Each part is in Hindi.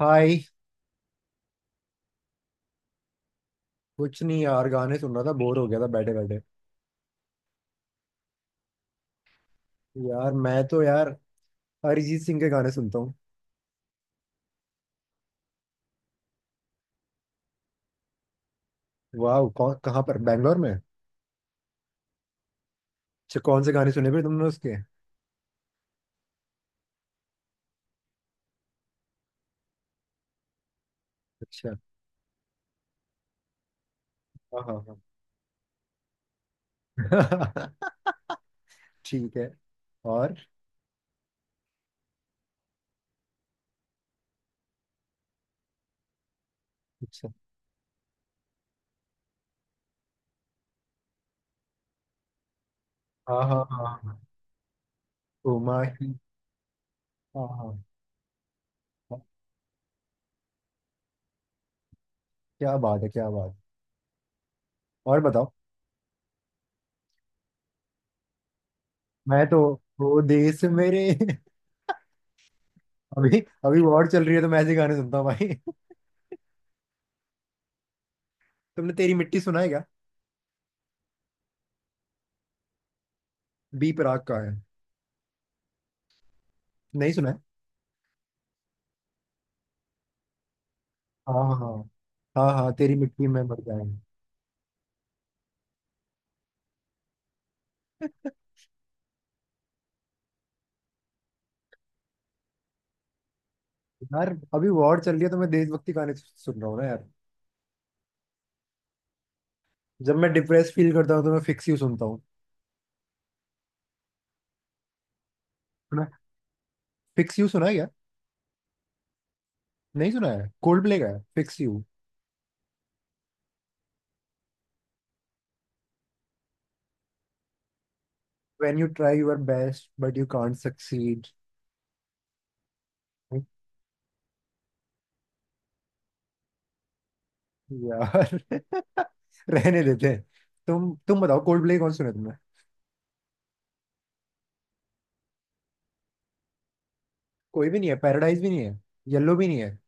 हाय। कुछ नहीं यार, गाने सुन रहा था, बोर हो गया था बैठे बैठे। यार मैं तो यार अरिजीत सिंह के गाने सुनता हूँ। वाह! कौन, कहाँ पर, बैंगलोर में? अच्छा, कौन से गाने सुने फिर तुमने उसके? अच्छा। हाँ हाँ हाँ। ठीक है। और? अच्छा। हाँ हाँ हाँ हाँ। उमा ही। हाँ हाँ। हाँ, क्या बात है, क्या बात। और बताओ। मैं तो वो देश मेरे। अभी अभी वॉर चल रही है तो मैं ऐसे गाने सुनता हूँ भाई। तुमने तेरी मिट्टी सुना है क्या? बी प्राक का है। नहीं सुना है? हाँ हाँ हाँ हाँ। हाँ, तेरी मिट्टी में मर जाएंगे। यार, अभी वॉर चल रही है तो मैं देशभक्ति गाने सुन रहा हूँ ना यार। जब मैं डिप्रेस फील करता हूँ तो मैं फिक्स यू सुनता हूँ। सुना फिक्स यू सुना है क्या? नहीं सुना है? कोल्ड प्ले का है fix you. When you try your best but you can't succeed. यार रहने देते हैं। तुम बताओ, कोल्ड प्ले कौन सुना है तुमने? कोई भी नहीं है? पैराडाइज भी नहीं है? येलो भी नहीं है?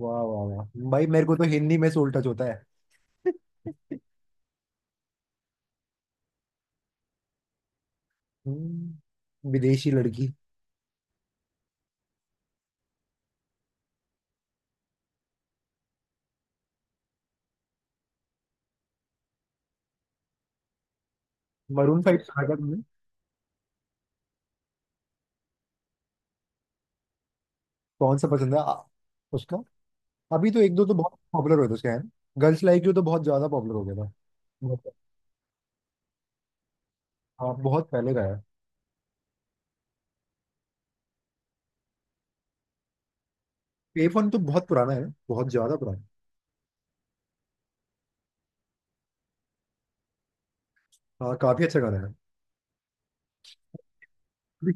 वाह वाह वाह! भाई मेरे को तो हिंदी में सोल टच होता है। विदेशी लड़की। मरून फाइव सुना है क्या तुमने? कौन सा पसंद है उसका? अभी तो एक दो तो बहुत पॉपुलर हुए थे उसके हैं। गर्ल्स लाइक यू तो बहुत ज्यादा पॉपुलर हो गया था। बहुत-। हाँ, बहुत पहले का है। पे तो बहुत पुराना है, बहुत ज्यादा पुराना। हाँ, काफी अच्छा गाना है। अभी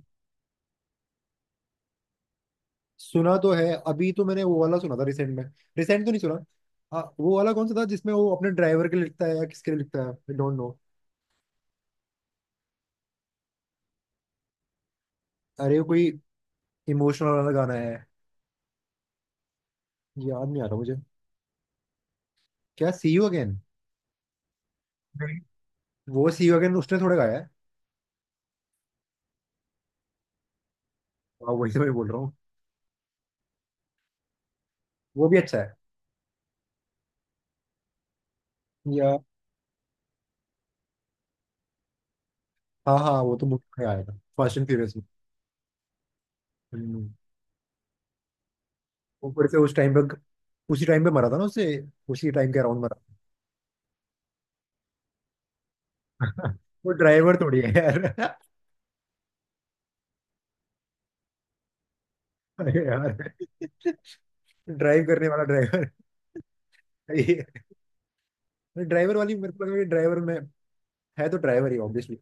सुना तो है, अभी तो मैंने वो वाला सुना था रिसेंट में। रिसेंट तो नहीं सुना। हाँ वो वाला कौन सा था जिसमें वो अपने ड्राइवर के लिए लिखता है या किसके लिए लिखता है, आई डोंट नो। अरे वो कोई इमोशनल वाला गाना है। याद नहीं आ रहा मुझे। क्या, सी यू अगेन? नहीं, वो सी यू अगेन उसने थोड़ा गाया है। हाँ वही तो मैं बोल रहा हूँ। वो भी अच्छा है। या हाँ हाँ, वो तो बुक में आया था, फास्ट एंड फ्यूरियस में। हम्म, ऊपर से उस टाइम पे, उसी टाइम पे मरा था ना उससे। उसी टाइम के अराउंड मरा था। वो ड्राइवर थोड़ी है यार। अरे यार, ड्राइव करने वाला ड्राइवर। ड्राइवर वाली मेरे को लगा कि ड्राइवर में है तो ड्राइवर ही ऑब्वियसली।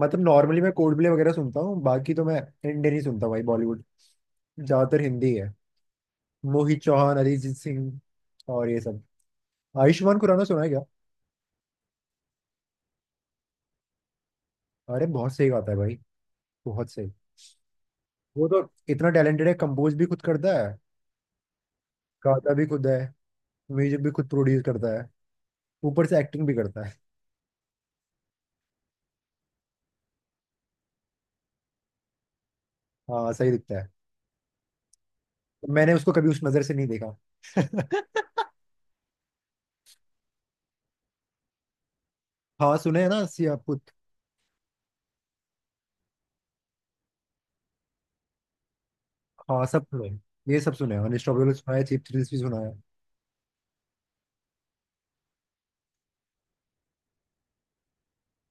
मतलब नॉर्मली मैं कोल्ड प्ले वगैरह सुनता हूँ, बाकी तो मैं इंडियन ही सुनता हूँ भाई, बॉलीवुड, ज्यादातर हिंदी है। मोहित चौहान, अरिजीत सिंह और ये सब। आयुष्मान खुराना सुना है क्या? अरे बहुत सही गाता है भाई, बहुत सही। वो तो इतना टैलेंटेड है, कंपोज भी खुद करता है, गाता भी खुद है, म्यूजिक भी खुद प्रोड्यूस करता है, ऊपर से एक्टिंग भी करता है। हाँ सही दिखता है। मैंने उसको कभी उस नजर से नहीं देखा। हाँ सुने है ना, सियापुत। हाँ सब सुने। ये सब सुने हैं, अनस्टॉपेबल सुना है, चीप थ्रिल्स भी सुना है।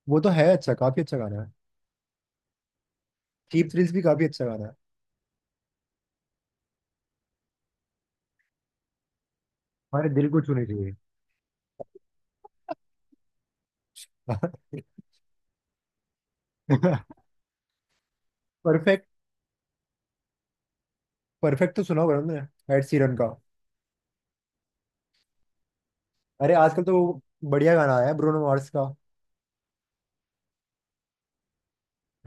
वो तो है अच्छा, काफी अच्छा गाना है। चीप थ्रिल्स भी काफी अच्छा गाना है। हमारे दिल को छूने चाहिए। परफेक्ट। परफेक्ट तो सुना होगा ना, एड सीरन का। अरे आजकल तो बढ़िया गाना आया है ब्रूनो मार्स का,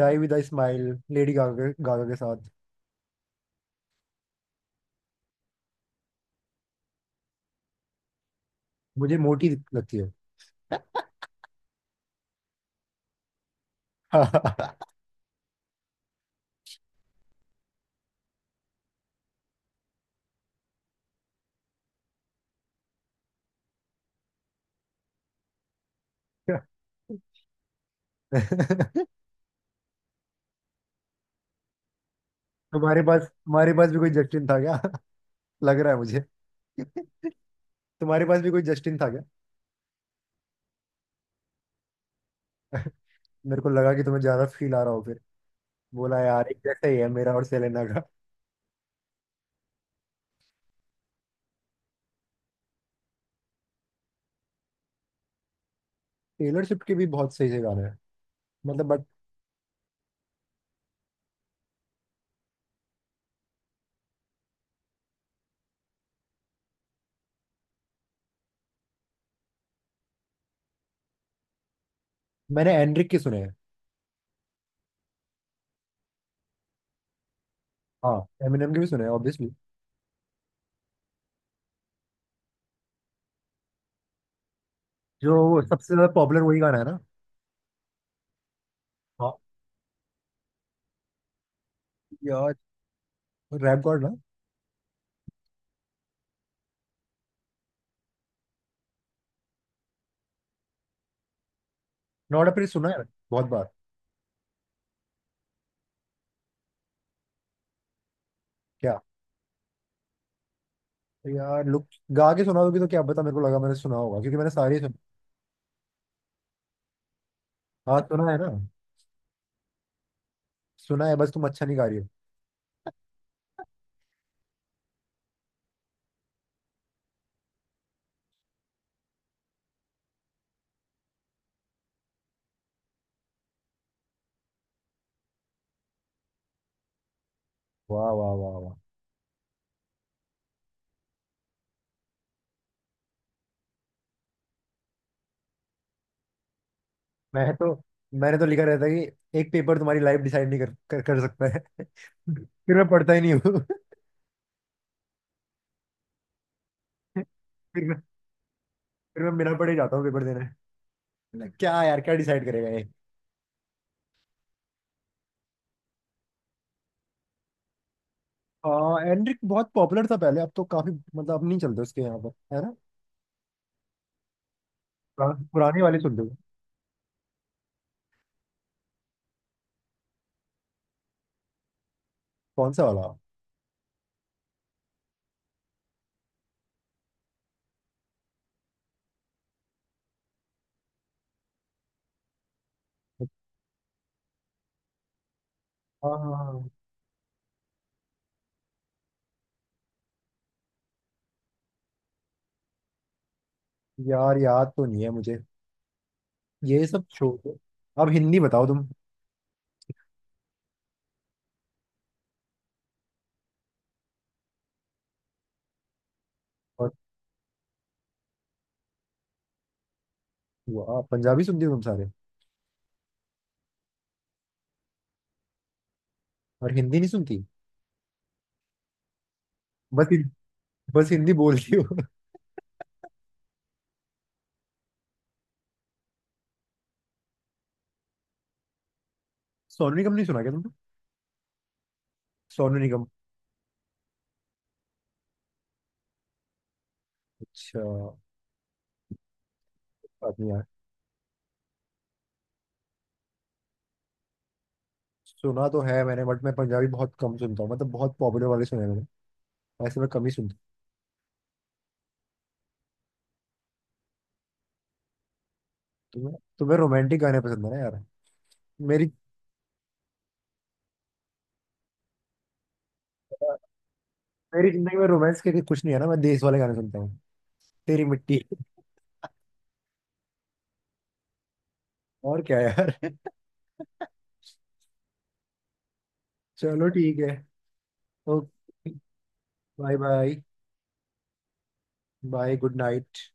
die with a smile, Lady Gaga Gaga के साथ। मुझे मोटी लगती हो। तुम्हारे तुम्हारे पास भी कोई जस्टिन था क्या? लग रहा है मुझे। तुम्हारे पास भी कोई जस्टिन था क्या? मेरे को लगा कि तुम्हें ज्यादा फील आ रहा हो, फिर बोला यार एक जैसा ही है मेरा और सेलेना का। टेलर स्विफ्ट के भी बहुत सही से गाने हैं, मतलब, बट। मैंने एनड्रिक के सुने हैं। हाँ एमिनेम के भी सुने हैं ऑब्वियसली। जो वो सबसे ज्यादा पॉपुलर वही गाना है ना? हाँ यार, रैप गॉड ना। नॉट अपनी सुना है, बहुत बार। क्या यार, लुक, गा के सुना दोगे तो क्या पता, मेरे को लगा मैंने सुना होगा क्योंकि मैंने सारे। हाँ सुना है ना। सुना है, बस तुम अच्छा नहीं गा रही हो। वाह वाह वाह वाह! मैं तो मैंने तो लिखा रहता है कि एक पेपर तुम्हारी लाइफ डिसाइड नहीं कर, कर कर सकता है। फिर मैं पढ़ता ही नहीं हूँ। फिर मैं फिर मैं बिना पढ़े जाता हूँ पेपर देने। मतलब क्या यार, क्या डिसाइड करेगा ये। हाँ एनरिक बहुत पॉपुलर था पहले, अब तो काफी, मतलब अब नहीं चलते उसके यहाँ पर, है ना? पुराने वाले सुन लो। कौन सा वाला? हाँ हाँ हाँ। यार याद तो नहीं है मुझे। ये सब छोड़, अब हिंदी बताओ तुम। और? वाह, पंजाबी सुनती हो तुम सारे! और हिंदी नहीं सुनती? बस बस हिंदी बोलती हो। सोनू निगम नहीं सुना क्या तुमने? सोनू निगम, अच्छा आदमी यार। सुना तो है मैंने, बट मैं पंजाबी बहुत कम सुनता हूँ, मतलब बहुत पॉपुलर वाले सुने हैं मैंने, ऐसे मैं कम ही सुनता हूँ। तुम्हें तुम्हें रोमांटिक गाने पसंद है ना यार? मेरी मेरी जिंदगी में रोमांस के कुछ नहीं है ना, मैं देश वाले गाने सुनता हूँ, तेरी मिट्टी। और क्या यार। चलो ठीक है। Okay. Bye bye. Bye, good night.